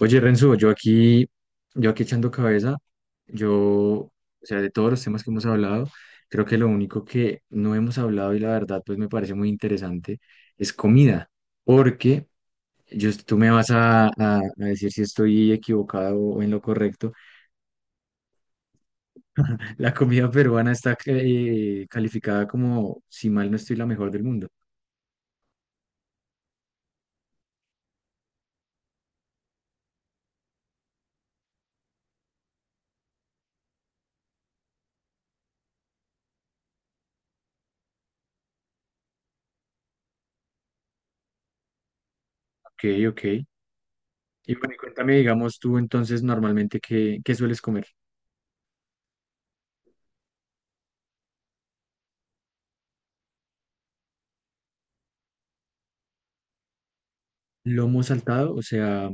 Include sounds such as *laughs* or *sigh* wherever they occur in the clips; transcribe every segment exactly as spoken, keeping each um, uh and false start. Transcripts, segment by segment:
Oye, Renzo, yo aquí, yo aquí echando cabeza, yo, o sea, de todos los temas que hemos hablado, creo que lo único que no hemos hablado y la verdad, pues me parece muy interesante, es comida, porque yo, tú me vas a, a- a decir si estoy equivocado o en lo correcto. La comida peruana está eh, calificada como, si mal no estoy, la mejor del mundo. Ok, ok. Y bueno, y cuéntame, digamos, tú entonces normalmente, ¿qué, qué sueles comer? Lomo saltado, o sea...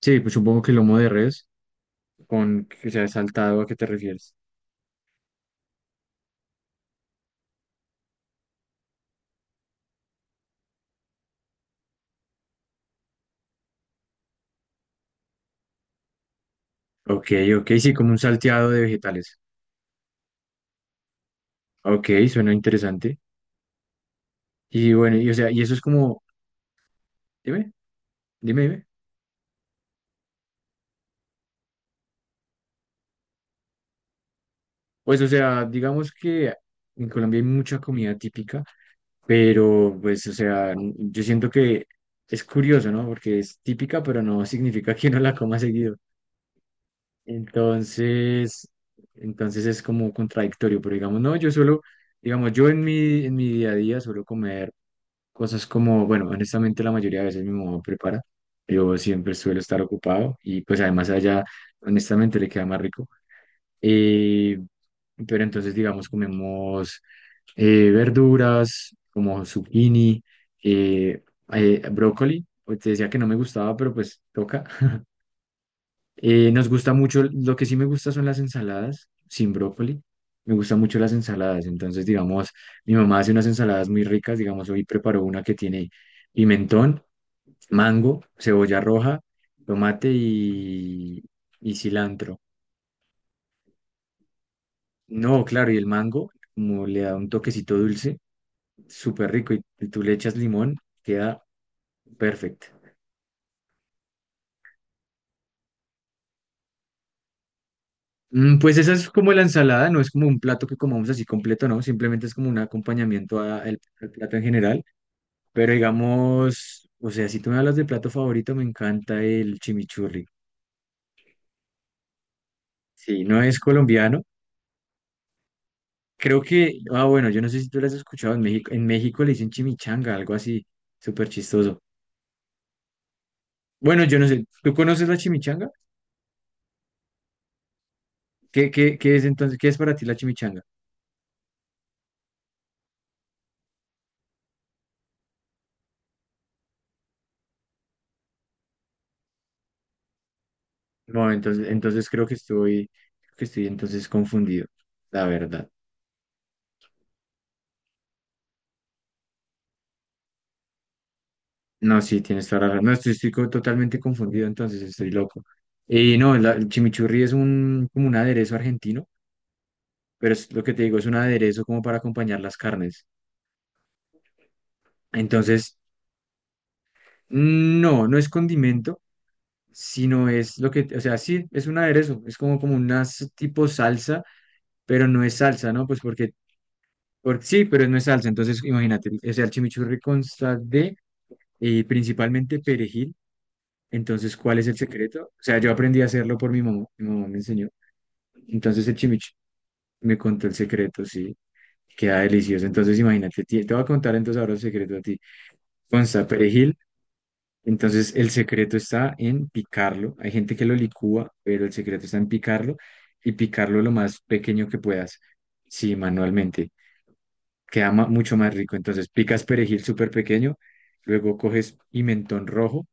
Sí, pues supongo que lomo de res, con que sea saltado, ¿a qué te refieres? Ok, ok, sí, como un salteado de vegetales. Ok, suena interesante. Y bueno, y o sea, y eso es como, dime, dime, dime. Pues o sea, digamos que en Colombia hay mucha comida típica, pero pues o sea, n- yo siento que es curioso, ¿no? Porque es típica, pero no significa que no la coma seguido. Entonces, entonces es como contradictorio, pero digamos, no, yo suelo, digamos, yo en mi, en mi día a día suelo comer cosas como, bueno, honestamente la mayoría de veces mi mamá prepara. Yo siempre suelo estar ocupado y pues además allá, honestamente, le queda más rico. Eh, pero entonces, digamos, comemos eh, verduras como zucchini, eh, eh, brócoli. Pues, te decía que no me gustaba, pero pues toca. Eh, nos gusta mucho, lo que sí me gusta son las ensaladas sin brócoli. Me gustan mucho las ensaladas. Entonces, digamos, mi mamá hace unas ensaladas muy ricas. Digamos, hoy preparó una que tiene pimentón, mango, cebolla roja, tomate y, y cilantro. No, claro, y el mango, como le da un toquecito dulce, súper rico, y tú le echas limón, queda perfecto. Mm, Pues esa es como la ensalada, no es como un plato que comamos así completo, no, simplemente es como un acompañamiento a- al al plato en general. Pero digamos, o sea, si tú me hablas de plato favorito, me encanta el chimichurri. Sí, no es colombiano. Creo que, ah, bueno, yo no sé si tú las has escuchado en México. En México le dicen chimichanga, algo así, súper chistoso. Bueno, yo no sé, ¿tú conoces la chimichanga? ¿Qué, qué, qué es entonces, qué es para ti la chimichanga? No, entonces, entonces creo que estoy, que estoy entonces confundido, la verdad. No, sí, tienes toda la razón. No, estoy, estoy co- totalmente confundido, entonces estoy loco. Y no, la- el chimichurri es un, como un aderezo argentino, pero es lo que te digo, es un aderezo como para acompañar las carnes. Entonces, no, no es condimento, sino es lo que, o sea, sí, es un aderezo, es como, como una s- tipo salsa, pero no es salsa, ¿no? Pues porque, porque sí, pero no es salsa, entonces imagínate, o sea, el chimichurri consta de eh, principalmente perejil, entonces, ¿cuál es el secreto? O sea, yo aprendí a hacerlo por mi mamá, mi mamá me enseñó, entonces el chimichurri me contó el secreto, sí. Queda delicioso. Entonces, imagínate, ti- te voy a contar entonces ahora el secreto a ti. Consta perejil. Entonces, el secreto está en picarlo. Hay gente que lo licúa, pero el secreto está en picarlo y picarlo lo más pequeño que puedas. Sí, manualmente. Queda ma- mucho más rico. Entonces, picas perejil súper pequeño, luego coges pimentón rojo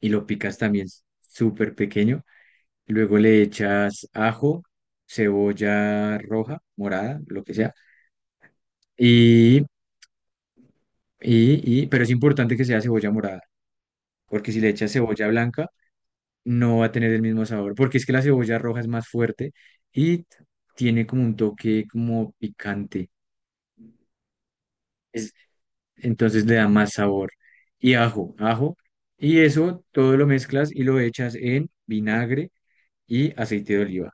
y lo picas también súper pequeño. Luego le echas ajo, cebolla roja, morada, lo que sea. Y, y, y, pero es importante que sea cebolla morada, porque si le echas cebolla blanca, no va a tener el mismo sabor, porque es que la cebolla roja es más fuerte y tiene como un toque como picante, es- entonces le da más sabor. Y ajo, ajo, y eso todo lo mezclas y lo echas en vinagre y aceite de oliva.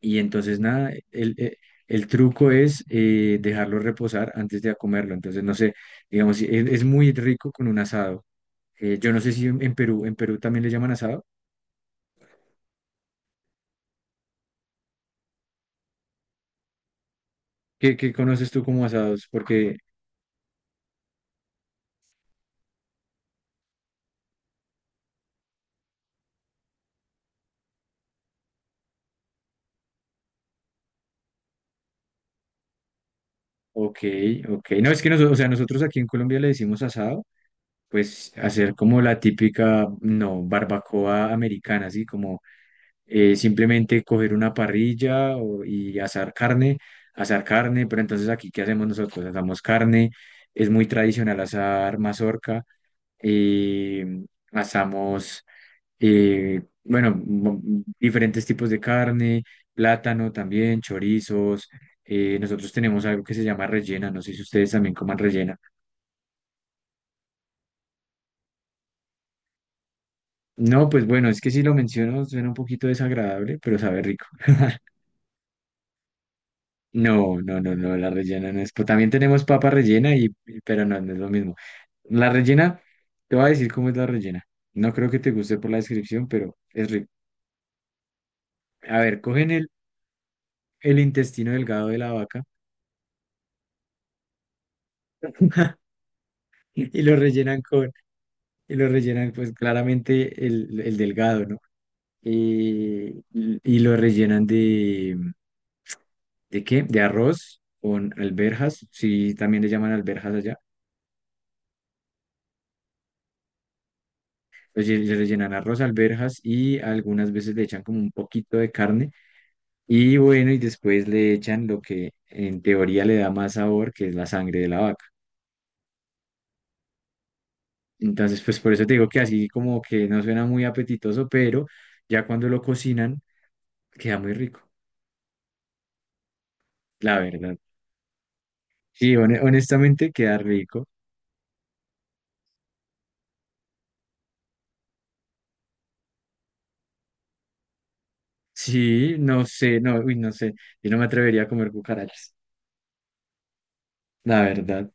Y entonces nada, el, eh, el truco es eh, dejarlo reposar antes de comerlo. Entonces, no sé, digamos, si es, es muy rico con un asado. Eh, yo no sé si en en Perú, en Perú también le llaman asado. ¿Qué, qué conoces tú como asados? Porque ok, ok. No, es que nosotros, o sea, nosotros aquí en Colombia le decimos asado, pues hacer como la típica, no, barbacoa americana, así como eh, simplemente coger una parrilla o- y asar carne, asar carne, pero entonces aquí, ¿qué hacemos nosotros? Asamos carne, es muy tradicional asar mazorca, eh, asamos eh, bueno, mo- diferentes tipos de carne, plátano también, chorizos. eh, nosotros tenemos algo que se llama rellena, no sé si ustedes también coman rellena. No, pues bueno, es que si lo menciono suena un poquito desagradable, pero sabe rico. No, no, no, no, la rellena no es. Pues también tenemos papa rellena, y, y- pero no, no es lo mismo. La rellena, te voy a decir cómo es la rellena. No creo que te guste por la descripción, pero es rico. A ver, cogen el, el intestino delgado de la vaca *laughs* y lo rellenan con, y lo rellenan, pues claramente el, el delgado, ¿no? Eh, y y lo rellenan de, ¿de qué? De arroz con alberjas, sí, también le llaman alberjas allá. Oye, le le rellenan arroz, alberjas y algunas veces le echan como un poquito de carne. Y bueno, y después le echan lo que en teoría le da más sabor, que es la sangre de la vaca. Entonces, pues por eso te digo que así como que no suena muy apetitoso, pero ya cuando lo cocinan, queda muy rico. La verdad. Sí, hone- honestamente queda rico. Sí, no sé, no, uy, no sé. Yo no me atrevería a comer cucarachas, la verdad.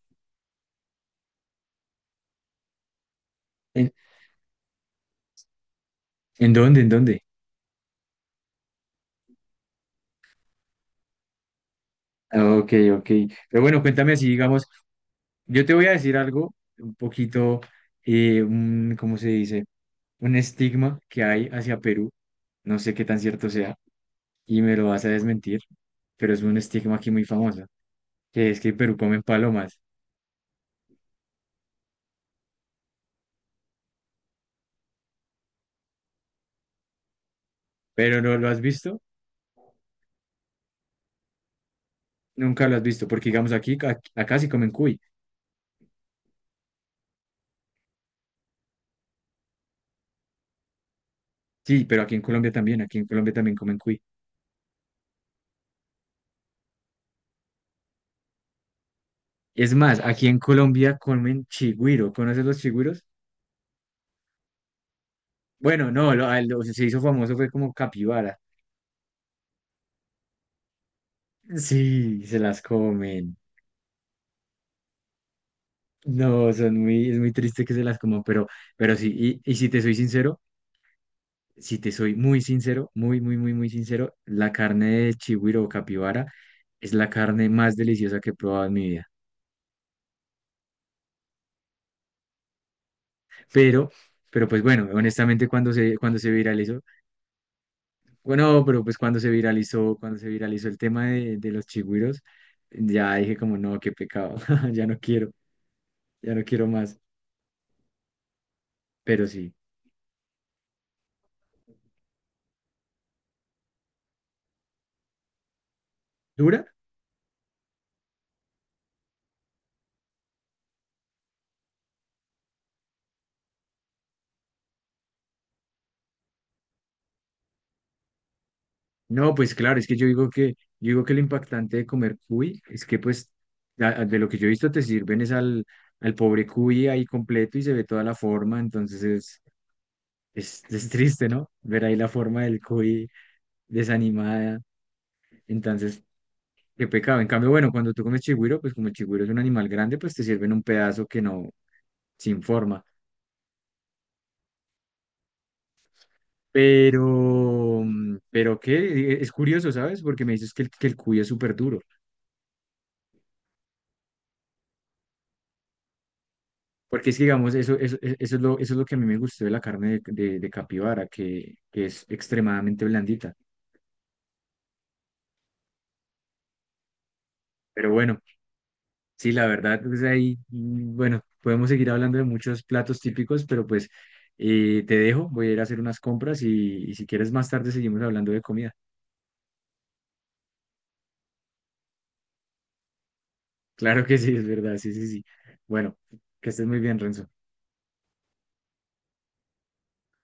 ¿En, en dónde? ¿En dónde? Ah, ok, ok. Pero bueno, cuéntame así, digamos, yo te voy a decir algo, un poquito, eh, un- ¿cómo se dice? Un estigma que hay hacia Perú. No sé qué tan cierto sea y me lo vas a desmentir, pero es un estigma aquí muy famoso, que es que en Perú comen palomas. Pero no lo has visto, nunca lo has visto, porque digamos aquí, ac- acá sí comen cuy. Sí, pero aquí en Colombia también, aquí en Colombia también comen cuy. Es más, aquí en Colombia comen chigüiro. ¿Conoces los chigüiros? Bueno, no, lo, a- lo- se hizo famoso fue como capibara. Sí, se las comen. No, son muy, es muy triste que se las coman, pero, pero sí, y, y si te soy sincero, si te soy muy sincero, muy, muy, muy, muy sincero, la carne de chigüiro o capibara es la carne más deliciosa que he probado en mi vida. Pero, pero pues bueno, honestamente cuando se, cuando se viralizó, bueno, pero pues cuando se viralizó, cuando se viralizó el tema de, de los chigüiros, ya dije como, no, qué pecado, *laughs* ya no quiero, ya no quiero más, pero sí. ¿Dura? No, pues claro, es que yo digo que, yo digo que lo impactante de comer cuy es que pues, a- a- de lo que yo he visto te sirven es al, al pobre cuy ahí completo y se ve toda la forma, entonces es, es, es triste, ¿no? Ver ahí la forma del cuy desanimada, entonces qué pecado. En cambio, bueno, cuando tú comes chigüiro, pues como el chigüiro es un animal grande, pues te sirven un pedazo que no, sin forma. Pero, mm, pero qué, e, es curioso, ¿sabes? Porque me dices que el, que el cuy es súper duro. Porque es que, digamos, eso, eso, e- eso es lo, eso es lo que a mí me gustó de la carne de, de, de capibara, que, que es extremadamente blandita. Pero bueno, sí, la verdad, pues ahí, mm, bueno, podemos seguir hablando de muchos platos típicos, pero pues eh, te dejo, voy a ir a hacer unas compras y, y si quieres más tarde seguimos hablando de comida. Claro que sí, es verdad, sí, sí, sí. Bueno, que estés muy bien, Renzo.